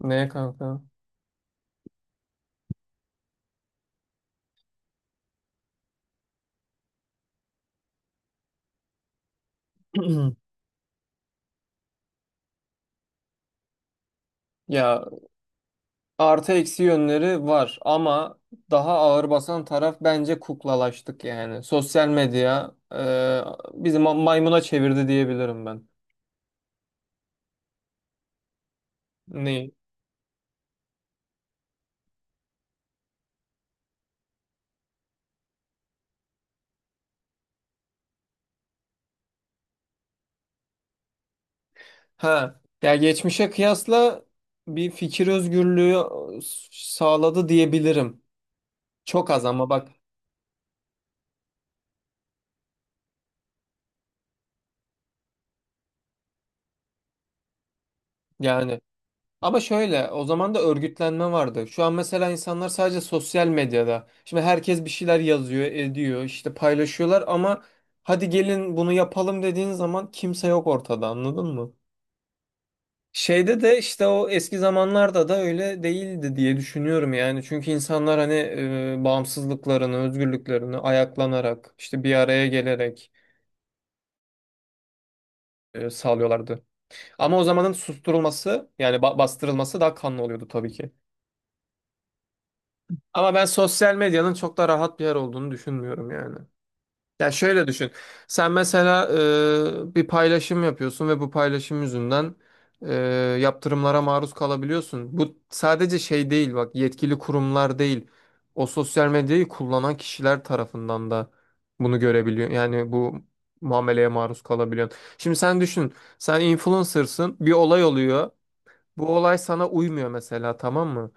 Ne kanka? Ya artı eksi yönleri var ama daha ağır basan taraf bence kuklalaştık yani. Sosyal medya bizi maymuna çevirdi diyebilirim ben. Ne? Ha. Ya geçmişe kıyasla bir fikir özgürlüğü sağladı diyebilirim. Çok az ama bak yani. Ama şöyle o zaman da örgütlenme vardı. Şu an mesela insanlar sadece sosyal medyada. Şimdi herkes bir şeyler yazıyor, ediyor, işte paylaşıyorlar ama hadi gelin bunu yapalım dediğin zaman kimse yok ortada, anladın mı? Şeyde de işte o eski zamanlarda da öyle değildi diye düşünüyorum yani. Çünkü insanlar hani bağımsızlıklarını, özgürlüklerini ayaklanarak, işte bir araya gelerek sağlıyorlardı. Ama o zamanın susturulması yani bastırılması daha kanlı oluyordu tabii ki. Ama ben sosyal medyanın çok da rahat bir yer olduğunu düşünmüyorum yani. Ya şöyle düşün. Sen mesela bir paylaşım yapıyorsun ve bu paylaşım yüzünden e, yaptırımlara maruz kalabiliyorsun. Bu sadece şey değil bak, yetkili kurumlar değil. O sosyal medyayı kullanan kişiler tarafından da bunu görebiliyor. Yani bu muameleye maruz kalabiliyorsun. Şimdi sen düşün. Sen influencer'sın. Bir olay oluyor. Bu olay sana uymuyor mesela, tamam mı?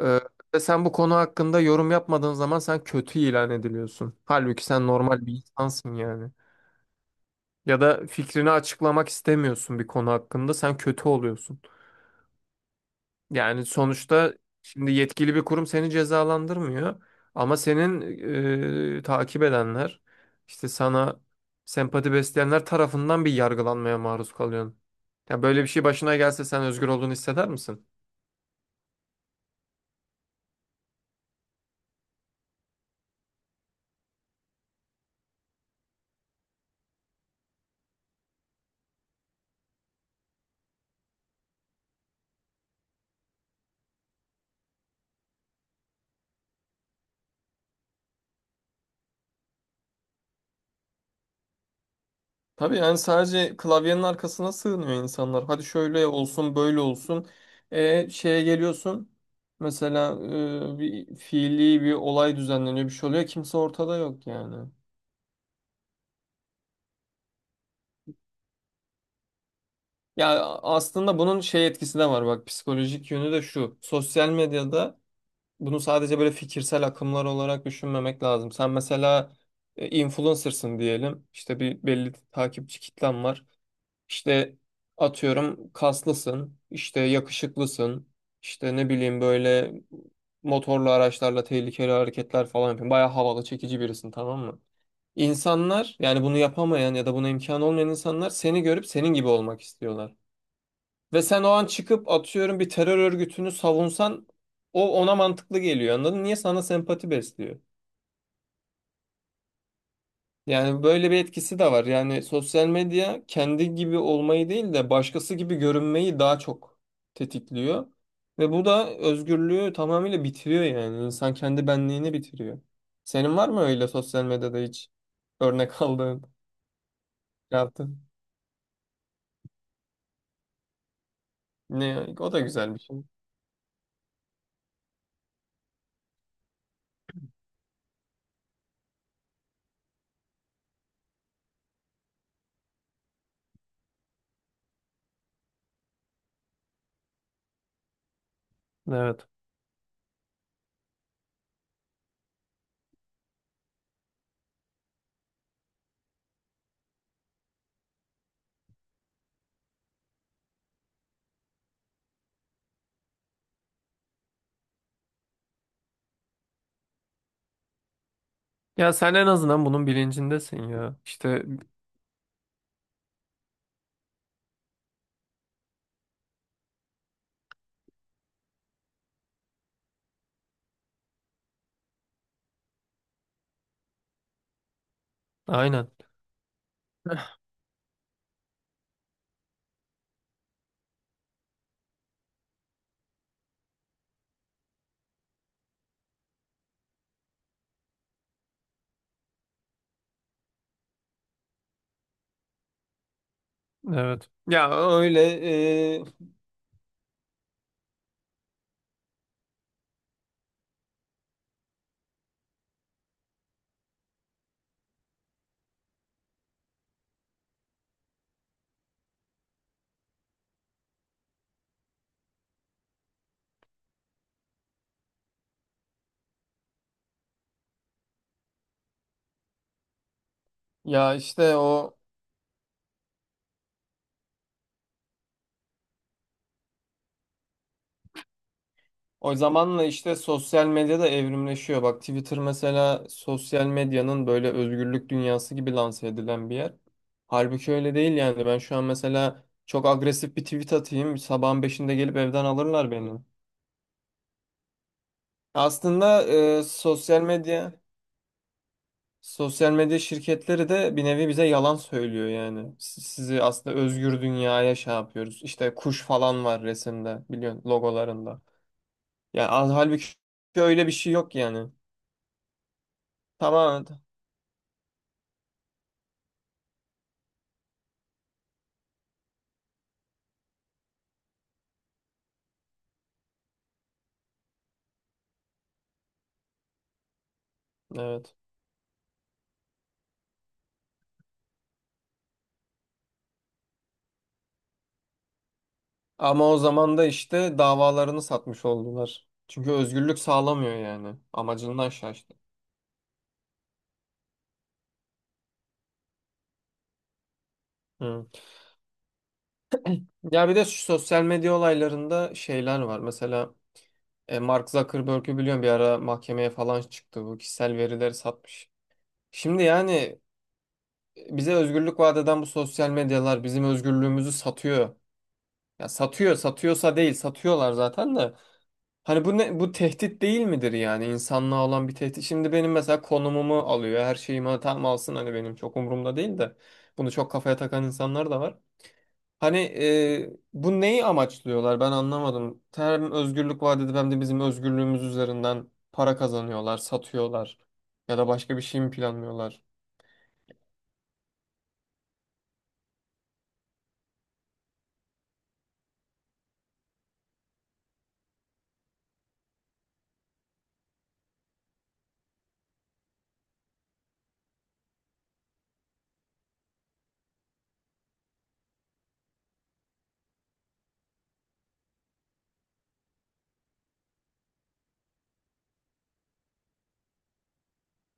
Ee, Ve sen bu konu hakkında yorum yapmadığın zaman sen kötü ilan ediliyorsun. Halbuki sen normal bir insansın yani. Ya da fikrini açıklamak istemiyorsun bir konu hakkında, sen kötü oluyorsun. Yani sonuçta şimdi yetkili bir kurum seni cezalandırmıyor ama senin takip edenler, işte sana sempati besleyenler tarafından bir yargılanmaya maruz kalıyorsun. Ya böyle bir şey başına gelse sen özgür olduğunu hisseder misin? Tabii yani sadece klavyenin arkasına sığınıyor insanlar. Hadi şöyle olsun, böyle olsun. Şeye geliyorsun. Mesela bir fiili bir olay düzenleniyor, bir şey oluyor. Kimse ortada yok yani. Ya aslında bunun şey etkisi de var bak, psikolojik yönü de şu. Sosyal medyada bunu sadece böyle fikirsel akımlar olarak düşünmemek lazım. Sen mesela influencer'sın diyelim. İşte bir belli takipçi kitlen var. İşte atıyorum kaslısın, işte yakışıklısın, işte ne bileyim böyle motorlu araçlarla tehlikeli hareketler falan yapıyorsun. Bayağı havalı, çekici birisin, tamam mı? İnsanlar yani bunu yapamayan ya da buna imkan olmayan insanlar seni görüp senin gibi olmak istiyorlar. Ve sen o an çıkıp atıyorum bir terör örgütünü savunsan o ona mantıklı geliyor, anladın mı? Niye sana sempati besliyor? Yani böyle bir etkisi de var. Yani sosyal medya kendi gibi olmayı değil de başkası gibi görünmeyi daha çok tetikliyor. Ve bu da özgürlüğü tamamıyla bitiriyor yani. İnsan kendi benliğini bitiriyor. Senin var mı öyle sosyal medyada hiç örnek aldığın, yaptın? Ne, o da güzel bir şey. Evet. Ya sen en azından bunun bilincindesin ya. İşte aynen. Evet. Ya öyle e, ya işte o. O zamanla işte sosyal medya da evrimleşiyor. Bak Twitter mesela sosyal medyanın böyle özgürlük dünyası gibi lanse edilen bir yer. Halbuki öyle değil yani. Ben şu an mesela çok agresif bir tweet atayım, sabahın beşinde gelip evden alırlar beni. Aslında sosyal medya şirketleri de bir nevi bize yalan söylüyor yani. Sizi aslında özgür dünyaya şey yapıyoruz. İşte kuş falan var resimde, biliyorsun logolarında. Yani halbuki öyle bir şey yok yani. Tamam. Evet. Ama o zaman da işte davalarını satmış oldular. Çünkü özgürlük sağlamıyor yani. Amacından şaştı. Hı. Ya bir de şu sosyal medya olaylarında şeyler var. Mesela Mark Zuckerberg'ü biliyorum bir ara mahkemeye falan çıktı. Bu kişisel verileri satmış. Şimdi yani bize özgürlük vaat eden bu sosyal medyalar bizim özgürlüğümüzü satıyor. Ya satıyor, satıyorsa değil, satıyorlar zaten de. Hani bu ne, bu tehdit değil midir yani, insanlığa olan bir tehdit? Şimdi benim mesela konumumu alıyor, her şeyimi tam alsın, hani benim çok umurumda değil de bunu çok kafaya takan insanlar da var. Hani bu neyi amaçlıyorlar ben anlamadım. Hem özgürlük vaat edip hem de bizim özgürlüğümüz üzerinden para kazanıyorlar, satıyorlar ya da başka bir şey mi planlıyorlar?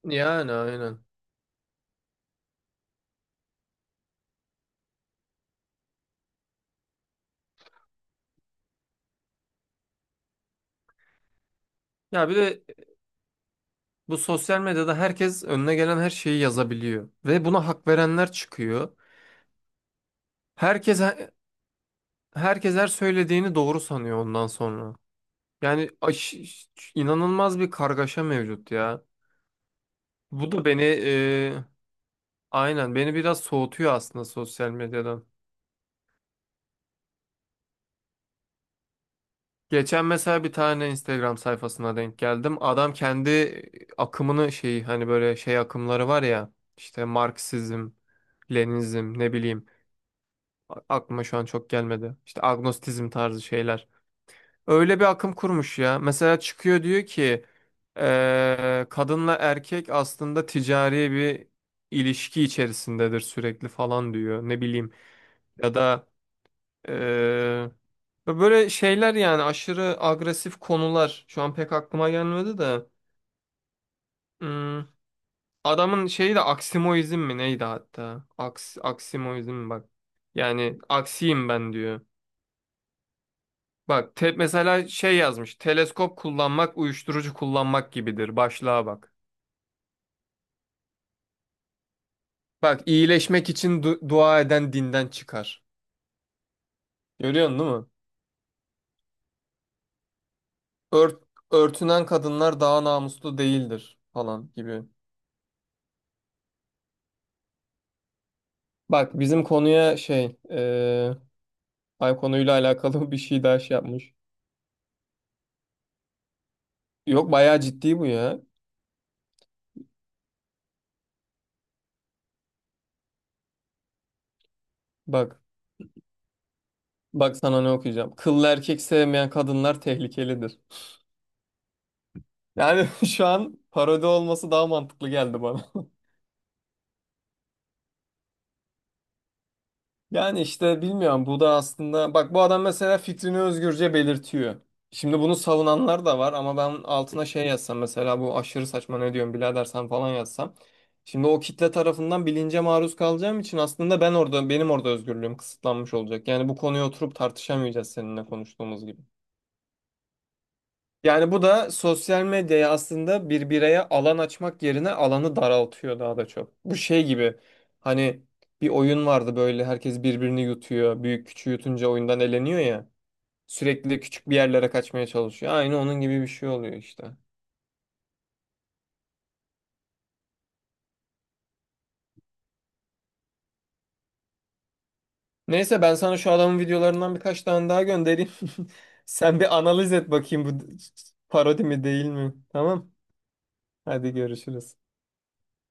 Yani aynen. Ya bir de bu sosyal medyada herkes önüne gelen her şeyi yazabiliyor ve buna hak verenler çıkıyor. Herkes herkes her söylediğini doğru sanıyor ondan sonra. Yani inanılmaz bir kargaşa mevcut ya. Bu da beni aynen beni biraz soğutuyor aslında sosyal medyadan. Geçen mesela bir tane Instagram sayfasına denk geldim. Adam kendi akımını şey, hani böyle şey akımları var ya, işte Marksizm, Leninizm, ne bileyim, aklıma şu an çok gelmedi. İşte agnostizm tarzı şeyler. Öyle bir akım kurmuş ya. Mesela çıkıyor diyor ki kadınla erkek aslında ticari bir ilişki içerisindedir sürekli falan diyor. Ne bileyim, ya da ve böyle şeyler yani, aşırı agresif konular. Şu an pek aklıma gelmedi de. Hmm, adamın şeyi de aksimoizm mi neydi hatta? Aksimoizm mi, bak. Yani aksiyim ben diyor. Bak, mesela şey yazmış. Teleskop kullanmak uyuşturucu kullanmak gibidir. Başlığa bak. Bak, iyileşmek için dua eden dinden çıkar. Görüyorsun değil mi? Ört- Örtünen kadınlar daha namuslu değildir falan gibi. Bak bizim konuya şey... Ay, konuyla alakalı bir şey daha şey yapmış. Yok, bayağı ciddi bu ya. Bak. Bak sana ne okuyacağım. Kıllı erkek sevmeyen kadınlar tehlikelidir. Yani şu an parodi olması daha mantıklı geldi bana. Yani işte bilmiyorum, bu da aslında bak, bu adam mesela fikrini özgürce belirtiyor. Şimdi bunu savunanlar da var ama ben altına şey yazsam mesela, bu aşırı saçma ne diyorsun birader sen falan yazsam. Şimdi o kitle tarafından bilince maruz kalacağım için aslında ben orada benim orada özgürlüğüm kısıtlanmış olacak. Yani bu konuyu oturup tartışamayacağız seninle konuştuğumuz gibi. Yani bu da sosyal medyaya aslında bir bireye alan açmak yerine alanı daraltıyor daha da çok. Bu şey gibi, hani bir oyun vardı böyle, herkes birbirini yutuyor. Büyük küçüğü yutunca oyundan eleniyor ya. Sürekli küçük bir yerlere kaçmaya çalışıyor. Aynı onun gibi bir şey oluyor işte. Neyse, ben sana şu adamın videolarından birkaç tane daha göndereyim. Sen bir analiz et bakayım, bu parodi mi değil mi? Tamam. Hadi görüşürüz.